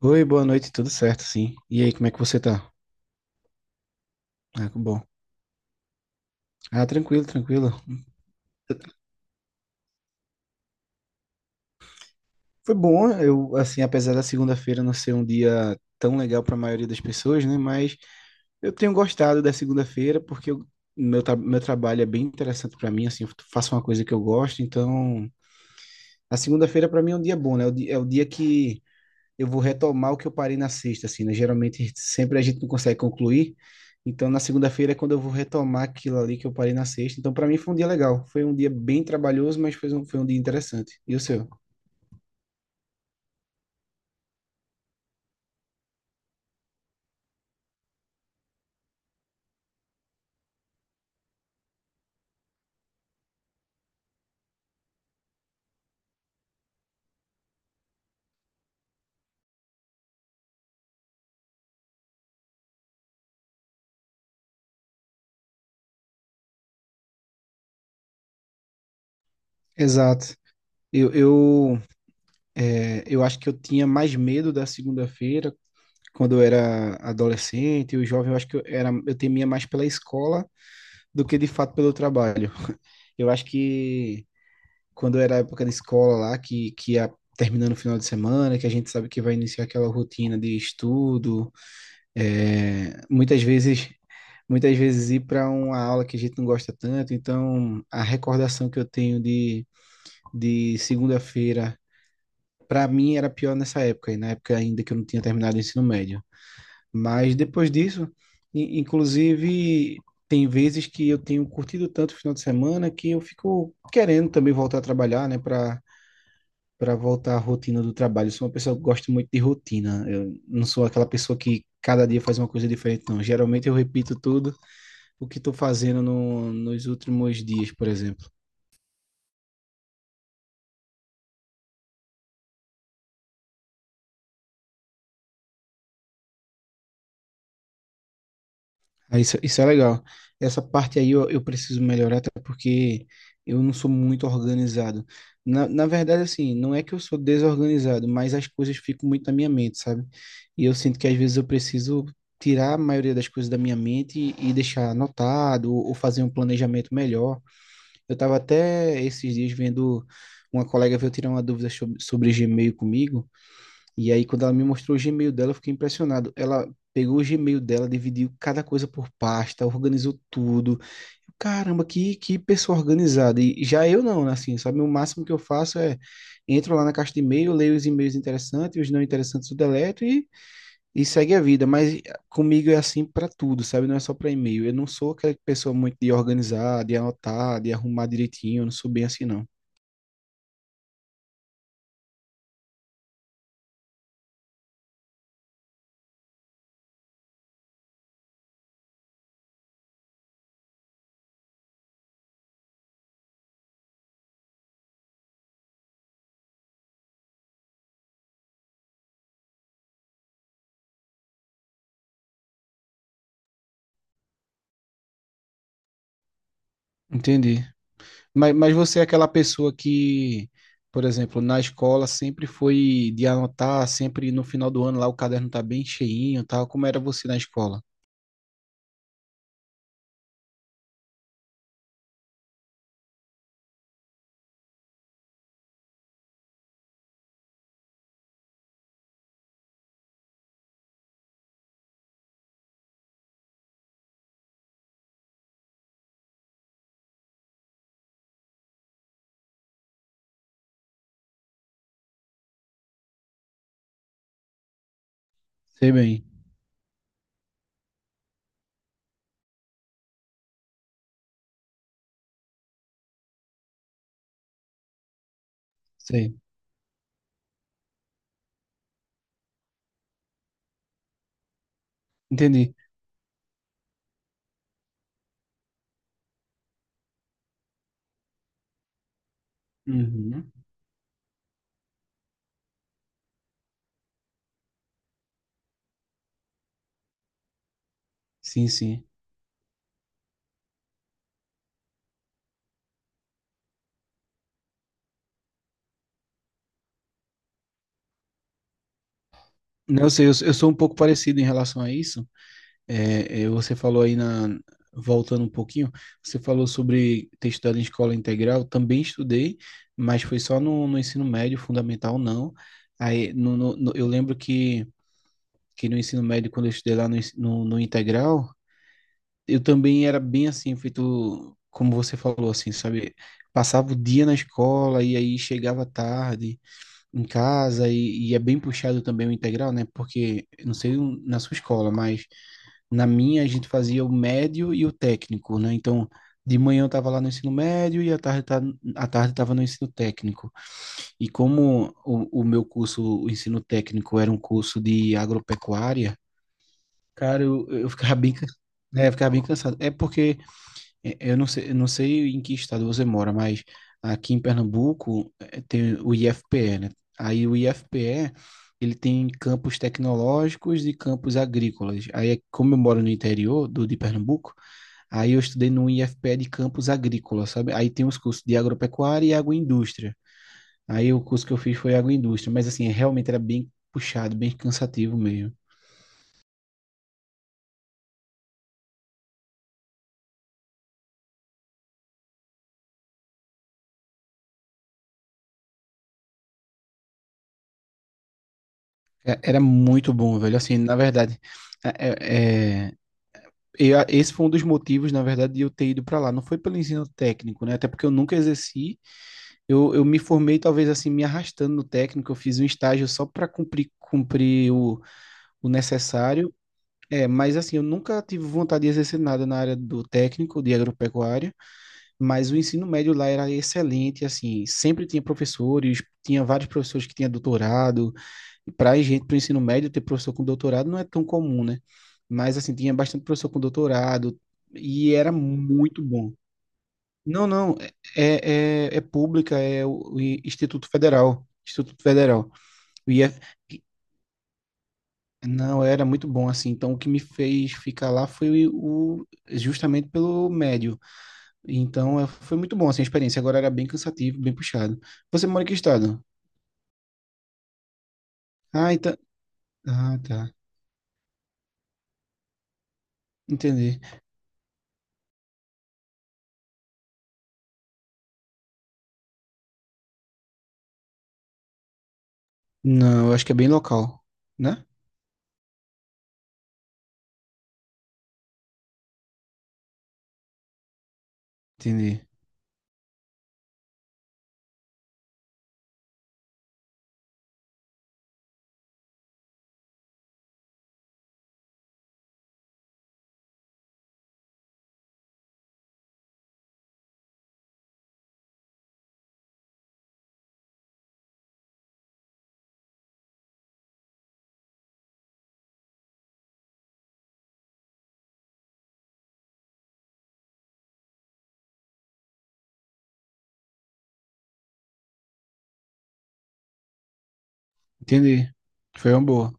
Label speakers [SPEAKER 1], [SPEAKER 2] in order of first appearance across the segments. [SPEAKER 1] Oi, boa noite, tudo certo, sim. E aí, como é que você tá? Ah, que bom. Ah, tranquilo, tranquilo. Foi bom, eu, assim, apesar da segunda-feira não ser um dia tão legal para a maioria das pessoas, né? Mas eu tenho gostado da segunda-feira porque meu trabalho é bem interessante para mim, assim, eu faço uma coisa que eu gosto, então a segunda-feira para mim é um dia bom, né? É o dia que eu vou retomar o que eu parei na sexta, assim, né? Geralmente, sempre a gente não consegue concluir. Então, na segunda-feira é quando eu vou retomar aquilo ali que eu parei na sexta. Então, para mim foi um dia legal. Foi um dia bem trabalhoso, mas foi um dia interessante. E o seu? Exato. Eu, eu, eu acho que eu tinha mais medo da segunda-feira quando eu era adolescente, o jovem, eu acho que eu, era, eu temia mais pela escola do que de fato pelo trabalho. Eu acho que quando era a época da escola lá, que ia terminando o final de semana, que a gente sabe que vai iniciar aquela rotina de estudo, é, muitas vezes muitas vezes ir para uma aula que a gente não gosta tanto, então a recordação que eu tenho de segunda-feira, para mim era pior nessa época, e na época ainda que eu não tinha terminado o ensino médio. Mas depois disso, inclusive, tem vezes que eu tenho curtido tanto o final de semana que eu fico querendo também voltar a trabalhar, né, para voltar à rotina do trabalho. Eu sou uma pessoa que gosta muito de rotina. Eu não sou aquela pessoa que cada dia faz uma coisa diferente, não. Geralmente eu repito tudo o que estou fazendo no, nos últimos dias, por exemplo. Aí Isso é legal. Essa parte aí eu preciso melhorar, até porque eu não sou muito organizado. Na verdade, assim, não é que eu sou desorganizado, mas as coisas ficam muito na minha mente, sabe? E eu sinto que às vezes eu preciso tirar a maioria das coisas da minha mente e deixar anotado ou fazer um planejamento melhor. Eu estava até esses dias vendo uma colega veio tirar uma dúvida sobre Gmail comigo, e aí quando ela me mostrou o Gmail dela, eu fiquei impressionado. Ela pegou o Gmail dela, dividiu cada coisa por pasta, organizou tudo. Caramba, que pessoa organizada. E já eu não, né, assim, sabe? O máximo que eu faço é entro lá na caixa de e-mail, leio os e-mails interessantes, os não interessantes eu deleto e segue a vida, mas comigo é assim para tudo, sabe? Não é só para e-mail. Eu não sou aquela pessoa muito de organizar, de anotar, de arrumar direitinho, eu não sou bem assim, não. Entendi. Mas você é aquela pessoa que, por exemplo, na escola sempre foi de anotar, sempre no final do ano lá o caderno tá bem cheinho, tal. Como era você na escola? Sei bem, sei. Entendi. Uhum. Sim, sim. Não sei, eu sou um pouco parecido em relação a isso. Você falou voltando um pouquinho, você falou sobre ter estudado em escola integral, também estudei, mas foi só no ensino médio, fundamental não. Aí, no, no- no- eu lembro que no ensino médio, quando eu estudei lá no integral, eu também era bem assim, feito como você falou, assim, sabe? Passava o dia na escola e aí chegava tarde em casa e é bem puxado também o integral, né? Porque, não sei na sua escola, mas na minha, a gente fazia o médio e o técnico, né? Então, de manhã eu estava lá no ensino médio e à tarde estava no ensino técnico. E como o meu curso, o ensino técnico, era um curso de agropecuária, cara, eu ficava bem cansado. É porque eu não sei, eu não sei em que estado você mora, mas aqui em Pernambuco tem o IFPE, né? Aí o IFPE, ele tem campos tecnológicos e campos agrícolas. Aí, é, como eu moro no interior do de Pernambuco, aí eu estudei no IFPE de campos agrícolas, sabe? Aí tem os cursos de agropecuária e agroindústria. Aí o curso que eu fiz foi agroindústria, mas assim, realmente era bem puxado, bem cansativo mesmo. Era muito bom, velho. Assim, na verdade, é, é- é, e esse foi um dos motivos, na verdade, de eu ter ido para lá. Não foi pelo ensino técnico, né? Até porque eu nunca exerci. Eu me formei, talvez assim, me arrastando no técnico. Eu fiz um estágio só para cumprir, cumprir o necessário. É, mas assim, eu nunca tive vontade de exercer nada na área do técnico, de agropecuária. Mas o ensino médio lá era excelente, assim. Sempre tinha professores, tinha vários professores que tinham doutorado e para gente, para o ensino médio, ter professor com doutorado não é tão comum, né? Mas, assim, tinha bastante professor com doutorado e era muito bom. Não, é pública, é o Instituto Federal. Instituto Federal. O IF... Não, era muito bom, assim. Então, o que me fez ficar lá foi o, justamente pelo médio. Então, foi muito bom, assim, a experiência. Agora era bem cansativo, bem puxado. Você mora em que estado? Ah, então... Ah, tá. Entendi. Não, eu acho que é bem local, né? Entendi. Entendi. Foi uma boa.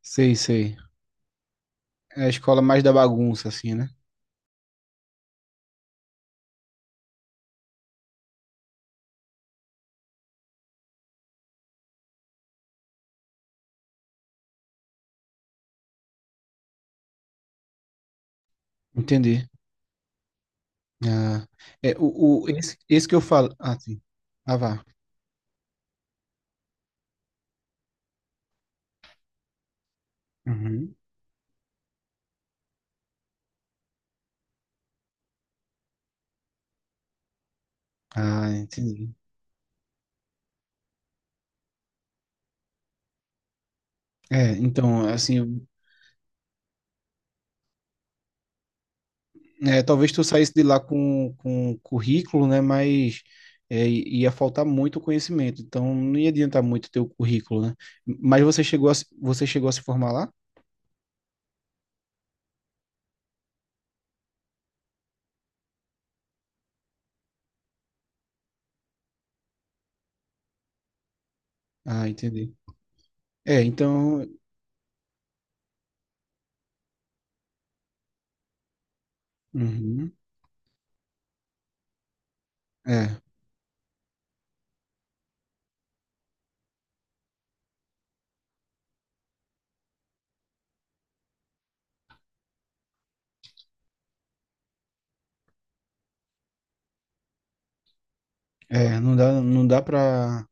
[SPEAKER 1] Sei, sei. É a escola mais da bagunça, assim, né? Entendi. Ah, é, esse que eu falo. Ah, sim. Ah, vá. Uhum. Ah, entendi. É, então, assim, é, talvez tu saísse de lá com currículo, né? Mas é, ia faltar muito conhecimento. Então, não ia adiantar muito ter o currículo, né? Mas você chegou a, você chegou a se formar lá? Ah, entendi. É, então. Uhum. É, não dá, não dá pra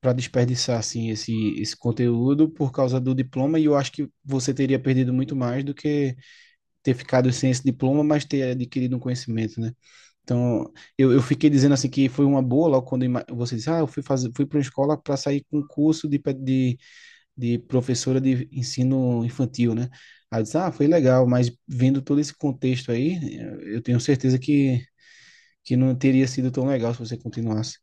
[SPEAKER 1] para desperdiçar assim esse conteúdo por causa do diploma e eu acho que você teria perdido muito mais do que ter ficado sem esse diploma, mas ter adquirido um conhecimento, né? Então, eu fiquei dizendo assim que foi uma boa logo quando você disse, ah, eu fui fazer, fui para uma escola para sair com um curso de de professora de ensino infantil, né? Aí eu disse, ah, foi legal, mas vendo todo esse contexto aí, eu tenho certeza que não teria sido tão legal se você continuasse.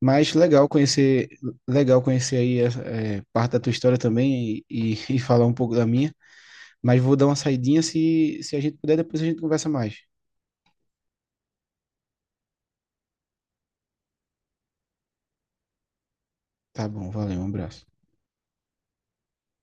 [SPEAKER 1] Mas legal conhecer aí parte da tua história também e falar um pouco da minha. Mas vou dar uma saidinha se a gente puder, depois a gente conversa mais. Tá bom, valeu, um abraço.